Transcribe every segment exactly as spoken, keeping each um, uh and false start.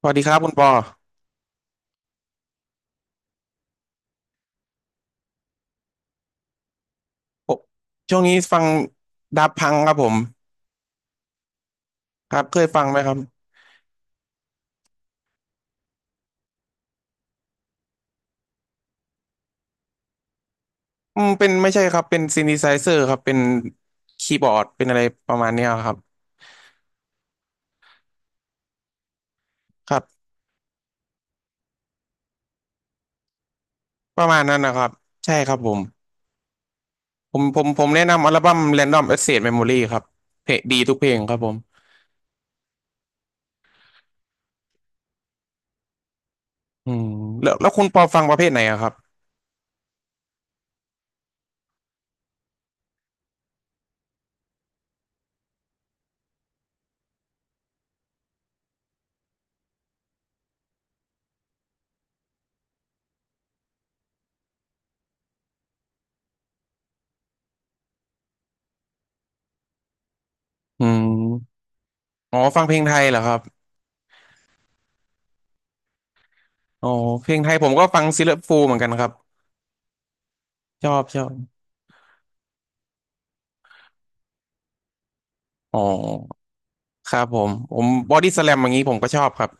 สวัสดีครับคุณปอผมช่วงนี้ฟังดับพังครับผมครับเคยฟังไหมครับอืมเป็นไม่ใช่ครับเป็นซิน t h ไซเซอร์ครับเป็นคีย์บอร์ดเป็นอะไรประมาณเนี้ยครับครับประมาณนั้นนะครับใช่ครับผมผมผมผมแนะนำอัลบั้ม Random Access Memory ครับเพลงดีทุกเพลงครับผมอืมแล้วแล้วคุณปอฟังประเภทไหนอะครับอืมอ๋อฟังเพลงไทยเหรอครับอ๋อเพลงไทยผมก็ฟังซิลเลอร์ฟูลเหมือนกันครับชอบชอบอ๋อครับผมผมบอดี้สแลมอย่างนี้ผมก็ชอบครับ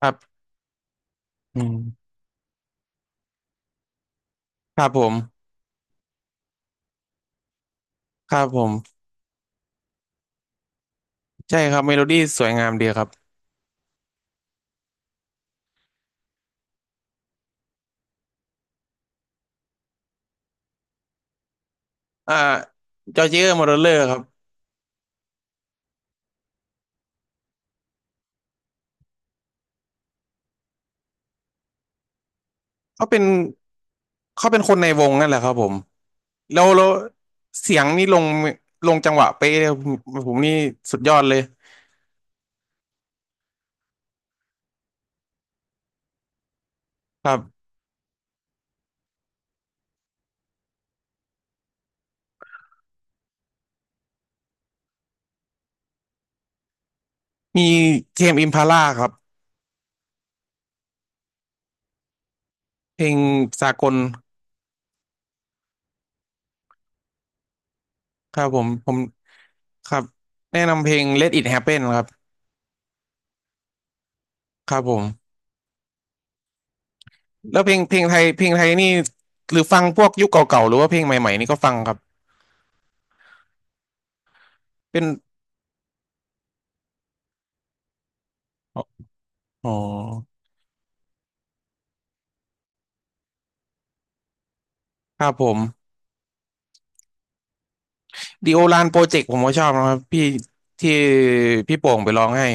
ครับอืมครับผมครับผม ใช่ครับเมโลดี้สวยงามดีครับอ่าจอร์เจอร์มอร์เลอร์ครับเขาเป็นเขาเป็นคนในวงนั่นแหละครับผมแล้วแล้วเสียงนี่ลงลงจังหวะเป๊ะเลยผมผมนี่สุดยอดเลยครับมีเทมอิมพาล่าครับ เพลงสากลครับผมผมครับแนะนำเพลง Let It Happen ครับครับผมแล้วเพลงเพลงไทยเพลงไทยนี่หรือฟังพวกยุคเก่าๆหรือว่าเพลงใหม่ๆนี่ก็ฟังครับเป็นอ๋อ ครับผมดีโอลานโปรเจกต์ผมก็ชอบนะครับพี่ที่พี่โป่งไปร้องให้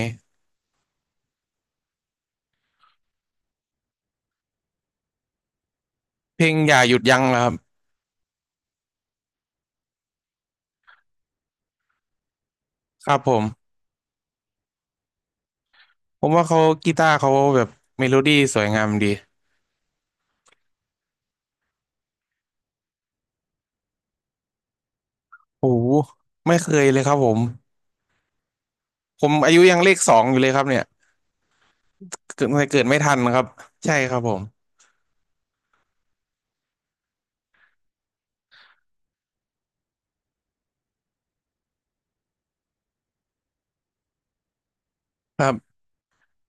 เพลงอย่าหยุดยั้งนะครับครับผมผมว่าเขากีตาร์เขาแบบเมโลดี้สวยงามดีโอ้โหไม่เคยเลยครับผมผมอายุยังเลขสองอยู่เลยครับเนี่ยเกิดเกิดไม่ทันครับใช่ครับผมครับ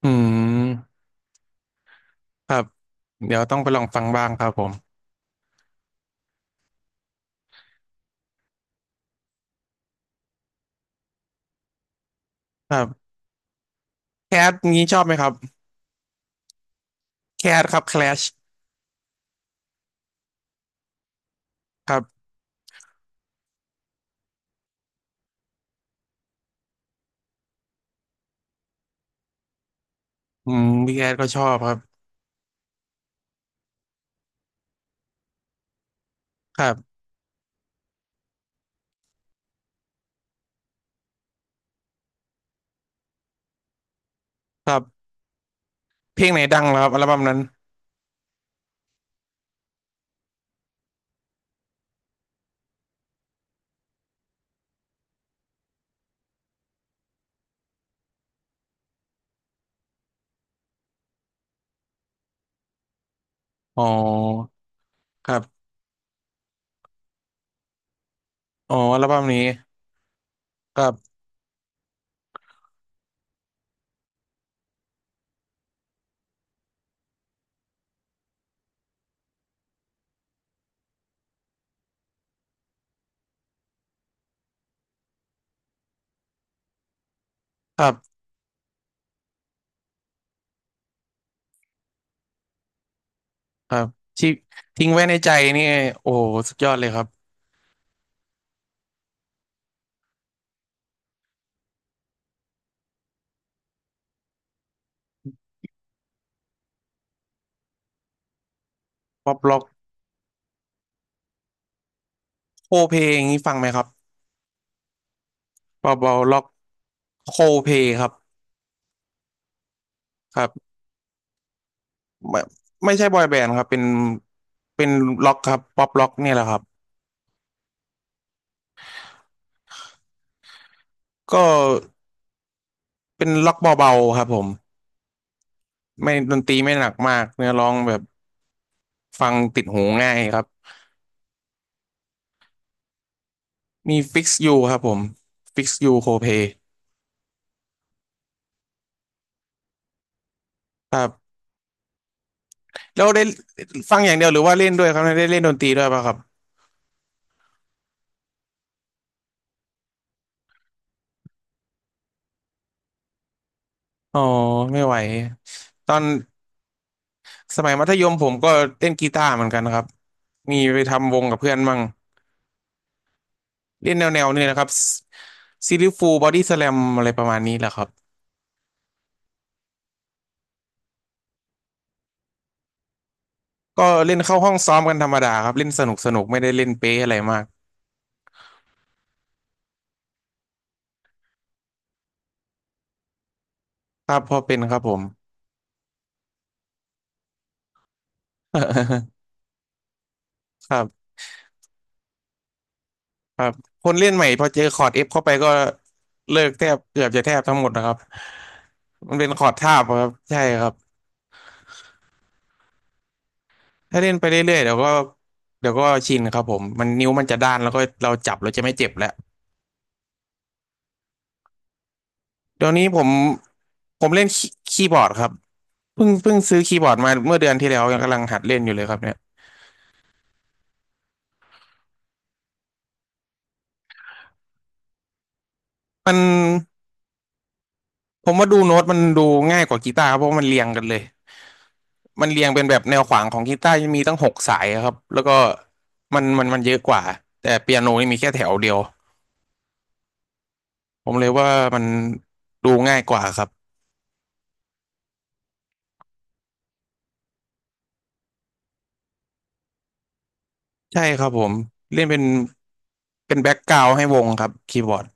อืมครับเดี๋ยวต้องไปลองฟังบ้างครับผมครับแคทนี้ชอบไหมครับแคทครับแคลชครับอืมพี่แคทก็ชอบครับครับครับเพลงไหนดังเหรอครับอัลบั้มนั้น อ๋อครับอ๋ออัลบั้มนี้ครับครับครับที่ทิ้งไว้ในใจนี่โอ้โหสุดยอดเลยครับป๊อปล็อกโคเพลงนี้ฟังไหมครับป๊อปล็อกโคเพลครับครับไม่ไม่ใช่บอยแบนด์ครับเป็นเป็นล็อกครับป๊อปล็อกเนี่ยแหละครับก็เป็นล็อกเบาๆครับผมไม่ดนตรีไม่หนักมากเนื้อร้องแบบฟังติดหูง่ายครับมีฟิกซ์ยูครับผมฟิกซ์ยูโคเพลครับ แล้วได้ฟังอย่างเดียวหรือว่าเล่นด้วยครับได้เล่นดนตรีด้วยป่ะครับอ๋อไม่ไหวตอนสมัยมัธยมผมก็เล่นกีตาร์เหมือนกันครับมีไปทำวงกับเพื่อนมั่งเล่นแนวแนวนี่นะครับซิลลิฟูบอดี้สแลมอะไรประมาณนี้แหละครับก็เล่นเข้าห้องซ้อมกันธรรมดาครับเล่นสนุกสนุกไม่ได้เล่นเป๊ะอะไรมากครับพอเป็นครับผม ครับครับคนเล่นใหม่พอเจอคอร์ดเอฟเข้าไปก็เลิกแทบเกือบจะแทบทั้งหมดนะครับมันเป็นคอร์ดทาบครับใช่ครับ ถ้าเล่นไปเรื่อยๆเดี๋ยวก็เดี๋ยวก็ชินครับผมมันนิ้วมันจะด้านแล้วก็เราจับเราจะไม่เจ็บแล้วเดี๋ยวนี้ผมผมเล่นคีคีย์บอร์ดครับเพิ่งเพิ่งซื้อคีย์บอร์ดมาเมื่อเดือนที่แล้วยังกำลังหัดเล่นอยู่เลยครับเนี่ยมันผมว่าดูโน้ตมันดูง่ายกว่ากีตาร์ครับเพราะว่ามันเรียงกันเลยมันเรียงเป็นแบบแนวขวางของกีตาร์จะมีตั้งหกสายครับแล้วก็มันมันมันเยอะกว่าแต่เปียโนนี่มีแค่แถวเดียวผมเลยว่ามันดูง่ายกว่าครับ ใช่ครับผมเล่นเป็นเป็นแบ็กกราวด์ให้วงครับคีย์บอร์ด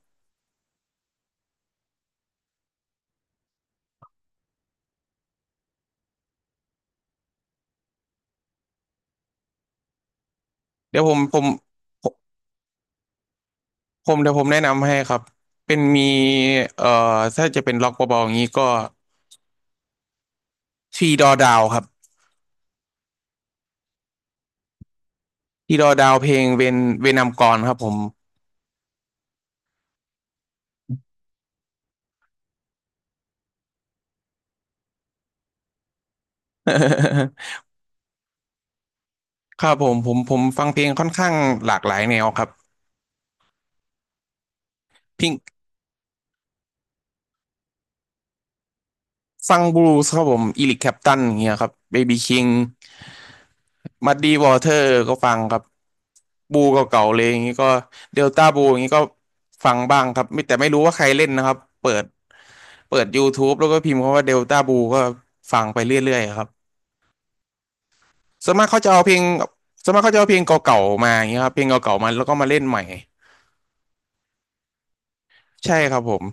เดี๋ยวผมผมผมผมเดี๋ยวผมแนะนำให้ครับเป็นมีเอ่อถ้าจะเป็นล็อกเบาๆอย่างนี้ก็ทีดอดาวครับทีดอดาวเพลงเวนเวนามกรครับผม ครับผมผมผมฟังเพลงค่อนข้างหลากหลายแนวครับพิงฟังบลูส์ครับผมอีริกแคลปตันอย่างเงี้ยครับเบบี้คิง มัดดีวอเตอร์ก็ฟังครับบูเก่าๆเลยอย่างนี้ก็เดลต้าบูอย่างนี้ก็ฟังบ้างครับไม่แต่ไม่รู้ว่าใครเล่นนะครับเปิดเปิด YouTube แล้วก็พิมพ์คำว่าเดลต้าบูก็ฟังไปเรื่อยๆครับส่วนมากเขาจะเอาเพลงส่วนมากเขาจะเอาเพลงเก่าๆมาอย่างนี้ครับเพลงเก่าๆมาแล้วก็มาเล่นใหม่ใช่ครับผม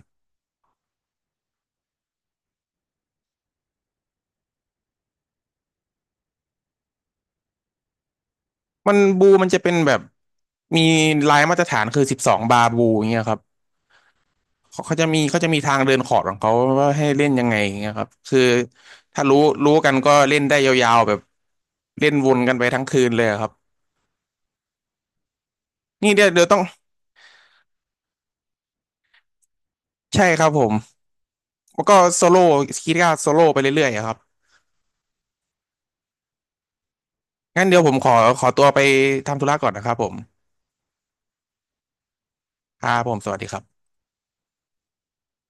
มันบูมันจะเป็นแบบมีลายมาตรฐานคือสิบสองบาบูอย่างเงี้ยครับ เขาเขาจะมีเขาจะมีทางเดินขอร์ดของเขาว่าให้เล่นยังไงอย่างเงี้ยครับคือถ้ารู้รู้กันก็เล่นได้ยาวๆแบบเล่นวนกันไปทั้งคืนเลยอะครับนี่เดี๋ยวเดี๋ยวต้องใช่ครับผมแล้วก็โซโล่คีตก้ารโซโล่ไปเรื่อยๆอะครับงั้นเดี๋ยวผมขอขอตัวไปทำธุระก่อนนะครับผมครับผมสวัสดีครับ